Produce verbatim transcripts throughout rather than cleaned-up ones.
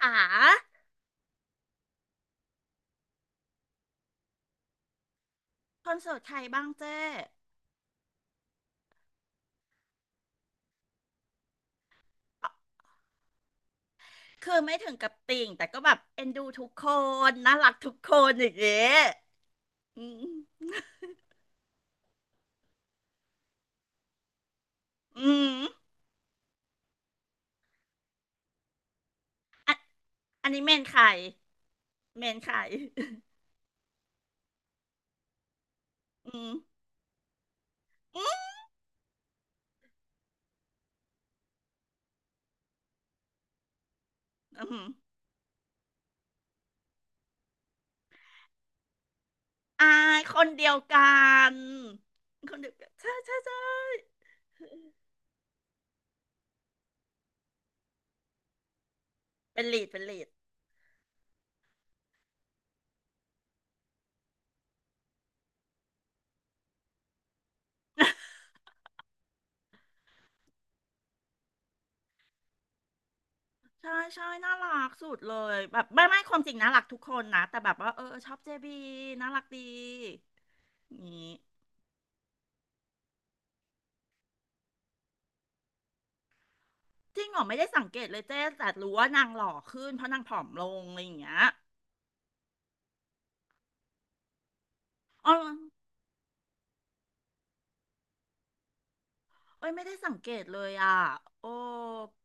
หาคอนเสิร์ตใครบ้างเจ้คือไม่ถึงกับติ่งแต่ก็แบบเอ็นดูทุกคนน่ารักทุกคนอย่างเงี้ยอืมอืมอันอันนี้เมนใครเมนใครอืมอืมอืมอาคนเดียวกันคนเดียวกันใช่ใช่ใช่เป็นลีดเป็นลีดใช่ใช่น่ารักสุดเลยแบบไม่ไม่ความจริงน่ารักทุกคนนะแต่แบบว่าเออชอบเจบีน่ารักดีอย่างงี้ จริงเหรอไม่ได้สังเกตเลยเจ๊แต่รู้ว่านางหล่อขึ้นเพราะนางผอมลงอะไรอย่างเงี้ยอ๋อเอ้ยไม่ได้สังเกตเลยอ่ะโอ้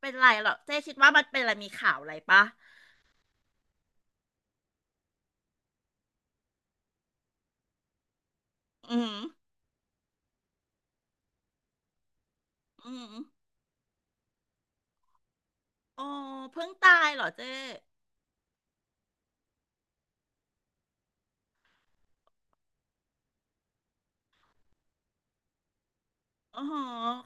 เป็นไรเหรอเจ๊คิดว่ามันเป็นอะไรมีข่าวอะไรปะอืมอืมโอ้เพิ่งตายเหรอเจ๊อ๋อ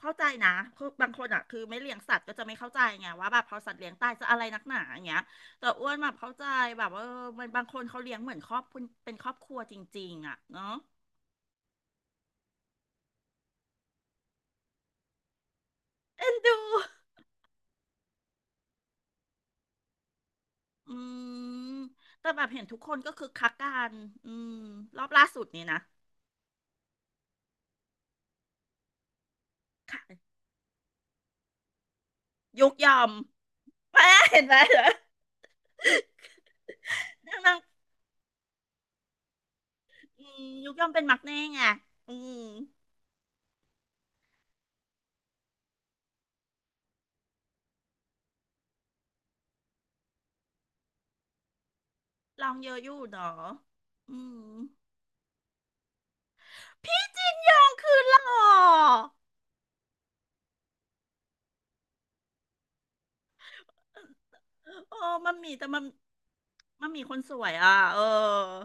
เข้าใจนะคือบางคนอ่ะคือไม่เลี้ยงสัตว์ก็จะไม่เข้าใจไงว่าแบบพอสัตว์เลี้ยงตายจะอะไรนักหนาอย่างเงี้ยแต่อ้วนแบบเข้าใจแบบว่าเออมันบางคนเขาเลี้ยงเหมือนครอบครัวเป็นครอบครัวจริงๆอ่ะเนาะเอ็นดู อืมแต่แบบเห็นทุกคนก็คือคักกันอืมรอบล่าสุดนี่นะค่ะยุกยอมแม่เห็นไหมเหรอนั่งนั่งอืมยุกยอมเป็นมักแน่ไงอืมลองเยอะอยู่เนาะอืมพี่จินยองคือหล่อโอ้มันมีแต่มันมันมีคนสวยอ่ะเออ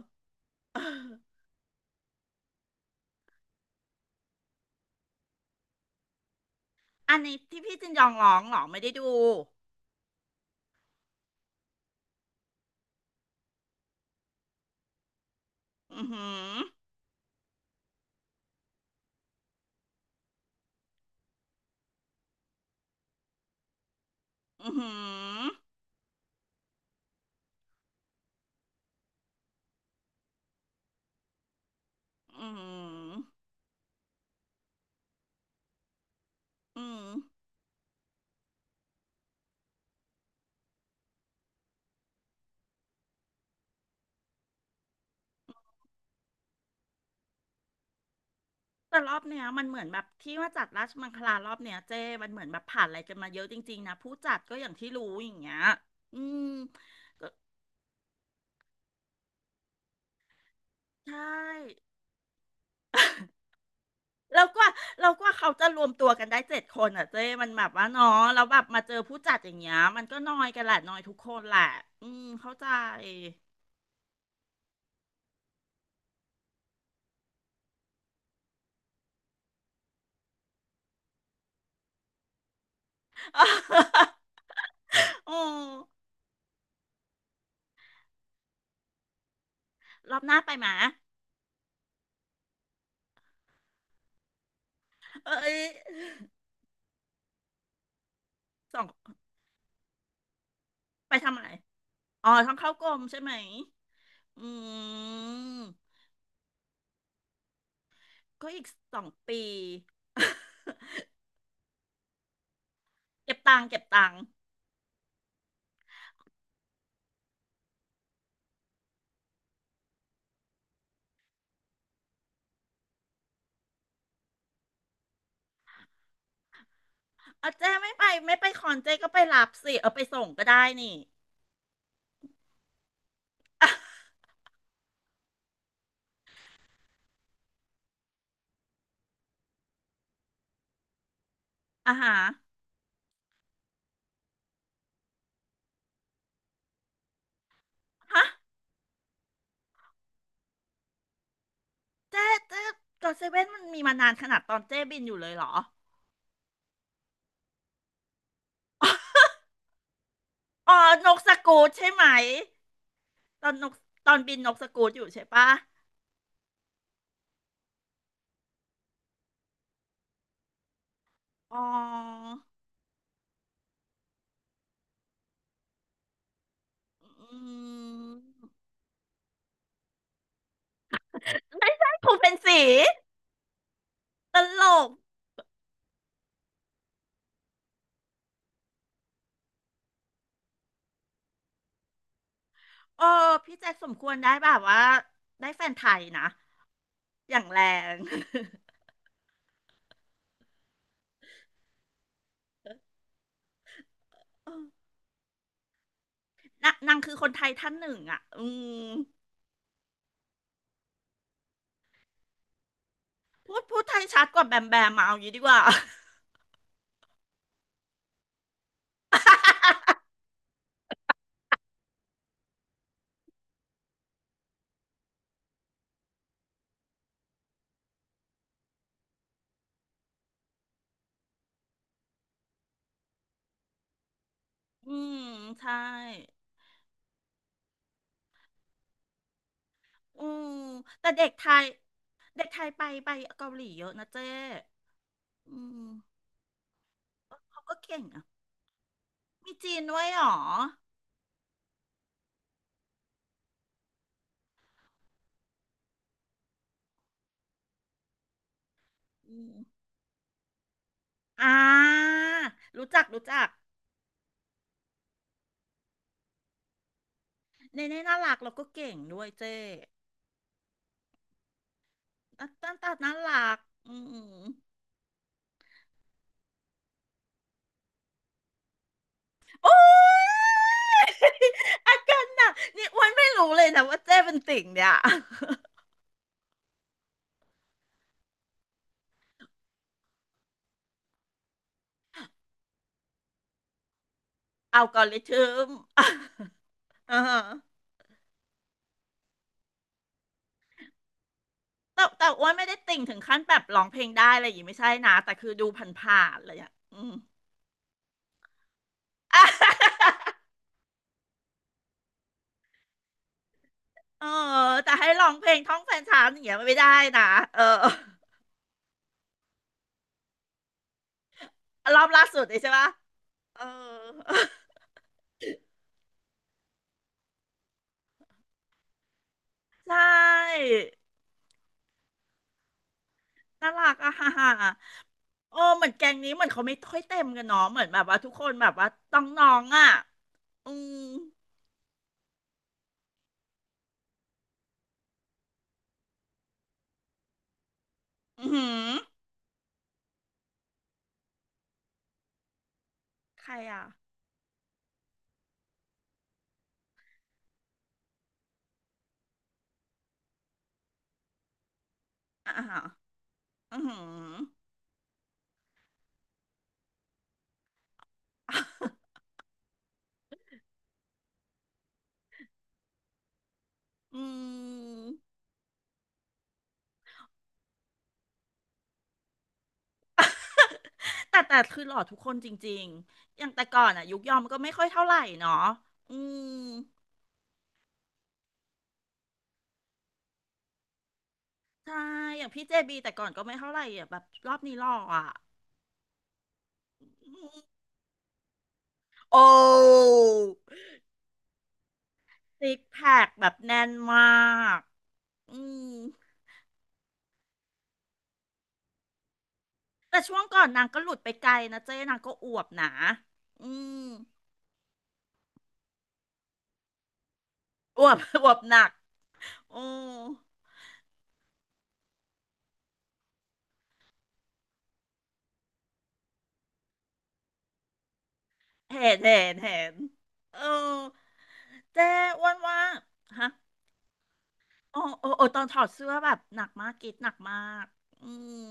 อันนี้ที่พี่จินยองร้องเหรอไม่ได้ดูอือหืออือหืออือหืออืม แต่รอบเนี้ยมันเหมือนแบบที่ว่าจัดราชมังคลารอบเนี้ยเจ้มันเหมือนแบบผ่านอะไรกันมาเยอะจริงๆนะผู้จัดก็อย่างที่รู้อย่างเงี้ยอืมก็ใช่แล้วกว่าแล้วกว่าเขาจะรวมตัวกันได้เจ็ดคนอ่ะเจ้มันแบบว่าเนาะแล้วแบบมาเจอผู้จัดอย่างเงี้ยมันก็น้อยกันแหละน้อยทุกคนแหละอืมเข้าใจ โอ้รอบหน้าไปหมาเอ้ยสองไปทำอะไรอ๋อท้องเข้ากรมใช่ไหมอืม ก็อีกสองปี เก็บตังค์เก็บตังค์เอาเจ้ไม่ไปไม่ไปคอนเจ้ก็ไปรับสิเอาไปส่งก็ได้นี่ อ่ะอ่าฮะฮะเจ้เจ้ก็เซเว่นมันมีมานานขนาดตอนเจ้บินอยู่เลยเหรอ อ๋อนกสกูตใช่ไหมตอนนกตอนบินนกสกูตอยู่ใช่ปะอ๋ออืมไม่ใช่ครูเป็นสีตลกเออพี่แจ็คสมควรได้แบบว่าได้แฟนไทยนะอย่างแรง นะนางคือคนไทยท่านหนึ่งอ่ะอืมพูดพูดไทยชัดกว่าแบมแบมมาเอาอย่างนี้ดีกว่า อืมใช่อืมแต่เด็กไทยเด็กไทยไปไปเกาหลีเยอะนะเจ้ อืมเขาก็เก่งอ่ะมีจีนด้วยเหรออืมอ่ารู้จักรู้จักเนเน่น่ารักแล้วก็เก่งด้วยเจ้หน้าตาตาน่ารักอืมโอ้ย อาการหนักนี่อ้วนไม่รู้เลยนะว่าเจ้เป็นติ่งเนี่ย อัลก อริทึม อ่าฮะแต่แต่อ้วนไม่ได้ติ่งถึงขั้นแบบร้องเพลงได้อะไรอย่างงี้ไม่ใช่นะแต่คือดูผ่านๆอะไรอย่างเลยอืม่ะ เออแต่ให้ร้องเพลงท่องแฟนฉันอย่างเงี้ยไม่ได้นะเออรอบล่าสุดเลยใช่ปะเออ ใช่น่ารักอะฮ่าฮ่าโอ้เหมือนแกงนี้เหมือนเขาไม่ค่อยเต็มกันเนาะเหมือนแบบว่าทุกคนแบบว่าต้องน้องอะอืมอือหือใครอะอ่าฮะอือหือ อืมแต่แต่คือหล่อทุกคนจริงๆอย่างแต่ก่อนอะยุคยอมก็ไม่ค่อยเท่าไหร่เนาะอืมใช่อย่างพี่เจบีแต่ก่อนก็ไม่เท่าไหร่อะแบบรอบนี้หล่ออะอืมโอ้ซิกแพคแบบแน่นมากอืมแต่ช่วงก่อนนางก็หลุดไปไกลนะเจ๊นางก็อวบหนาอืมอวบ อวบหนักโอ้เห็นเห็นเห็นเออเจ๊อ้วนว่าฮะ โอ้โอ้โอ้ตอนถอดเสื้อแบบหนักมากกรีดหนักมากอืม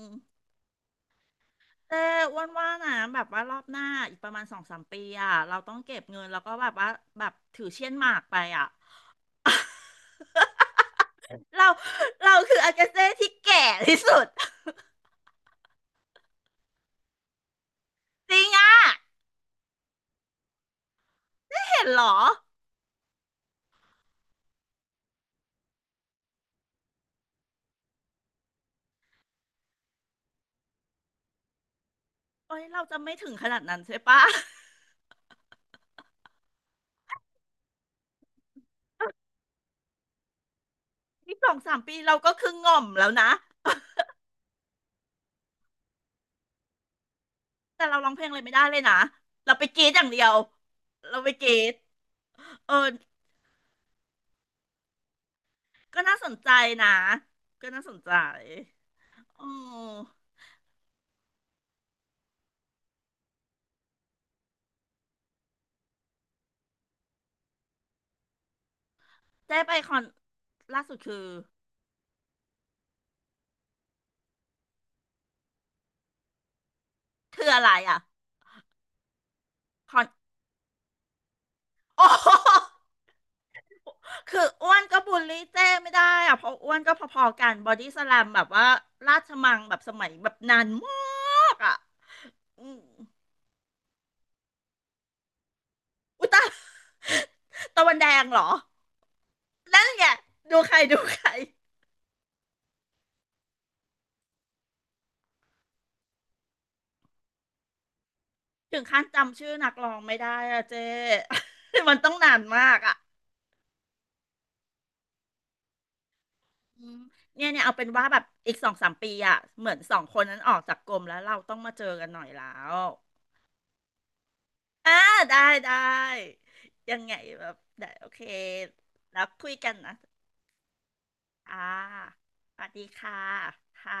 แต่อ้วนว่านะแบบว่ารอบหน้าอีกประมาณสองสามปีอ่ะเราต้องเก็บเงินแล้วก็แบบว่าแบบถือเช่นหมากไปอ่ะเราเราคืออากาเซ่ที่แก่ที่สุดจริงอ่ะเห็นเหรอเอ้ยเราจะไม่ถึงขนาดนั้นใช่ปะ อีกสองสามปีเราก็คือง่อมแล้วนะแต่เราร้องเพลงอะไรไม่ได้เลยนะเราไปกรีดอย่างเดียวเราไปกรีดเออก็น่าสนใจนะก็น่าสนใจ โอ้ได้ไปคอนล่าสุดคือคืออะไรอ่ะคอนโอ้ คืออ้วนก็บูลลี่เจ้ไม่ได้อ่ะเพราะอ้วนก็พอๆกันบอดี้สแลมแบบว่าราชมังแบบสมัยแบบนานมากอ่ะอืมอุยตาย ตะวันแดงเหรอนั่นไงดูใครดูใครถึงขั้นจำชื่อนักร้องไม่ได้อ่ะเจ้ มันต้องนานมากอ่ะ อืมเนี่ยเนี่ยเอาเป็นว่าแบบอีกสองสามปีอ่ะเหมือนสองคนนั้นออกจากกรมแล้วเราต้องมาเจอกันหน่อยแล้วอ่าได้ได้ยังไงแบบได้โอเคแล้วคุยกันนะอ่าสวัสดีค่ะค่ะ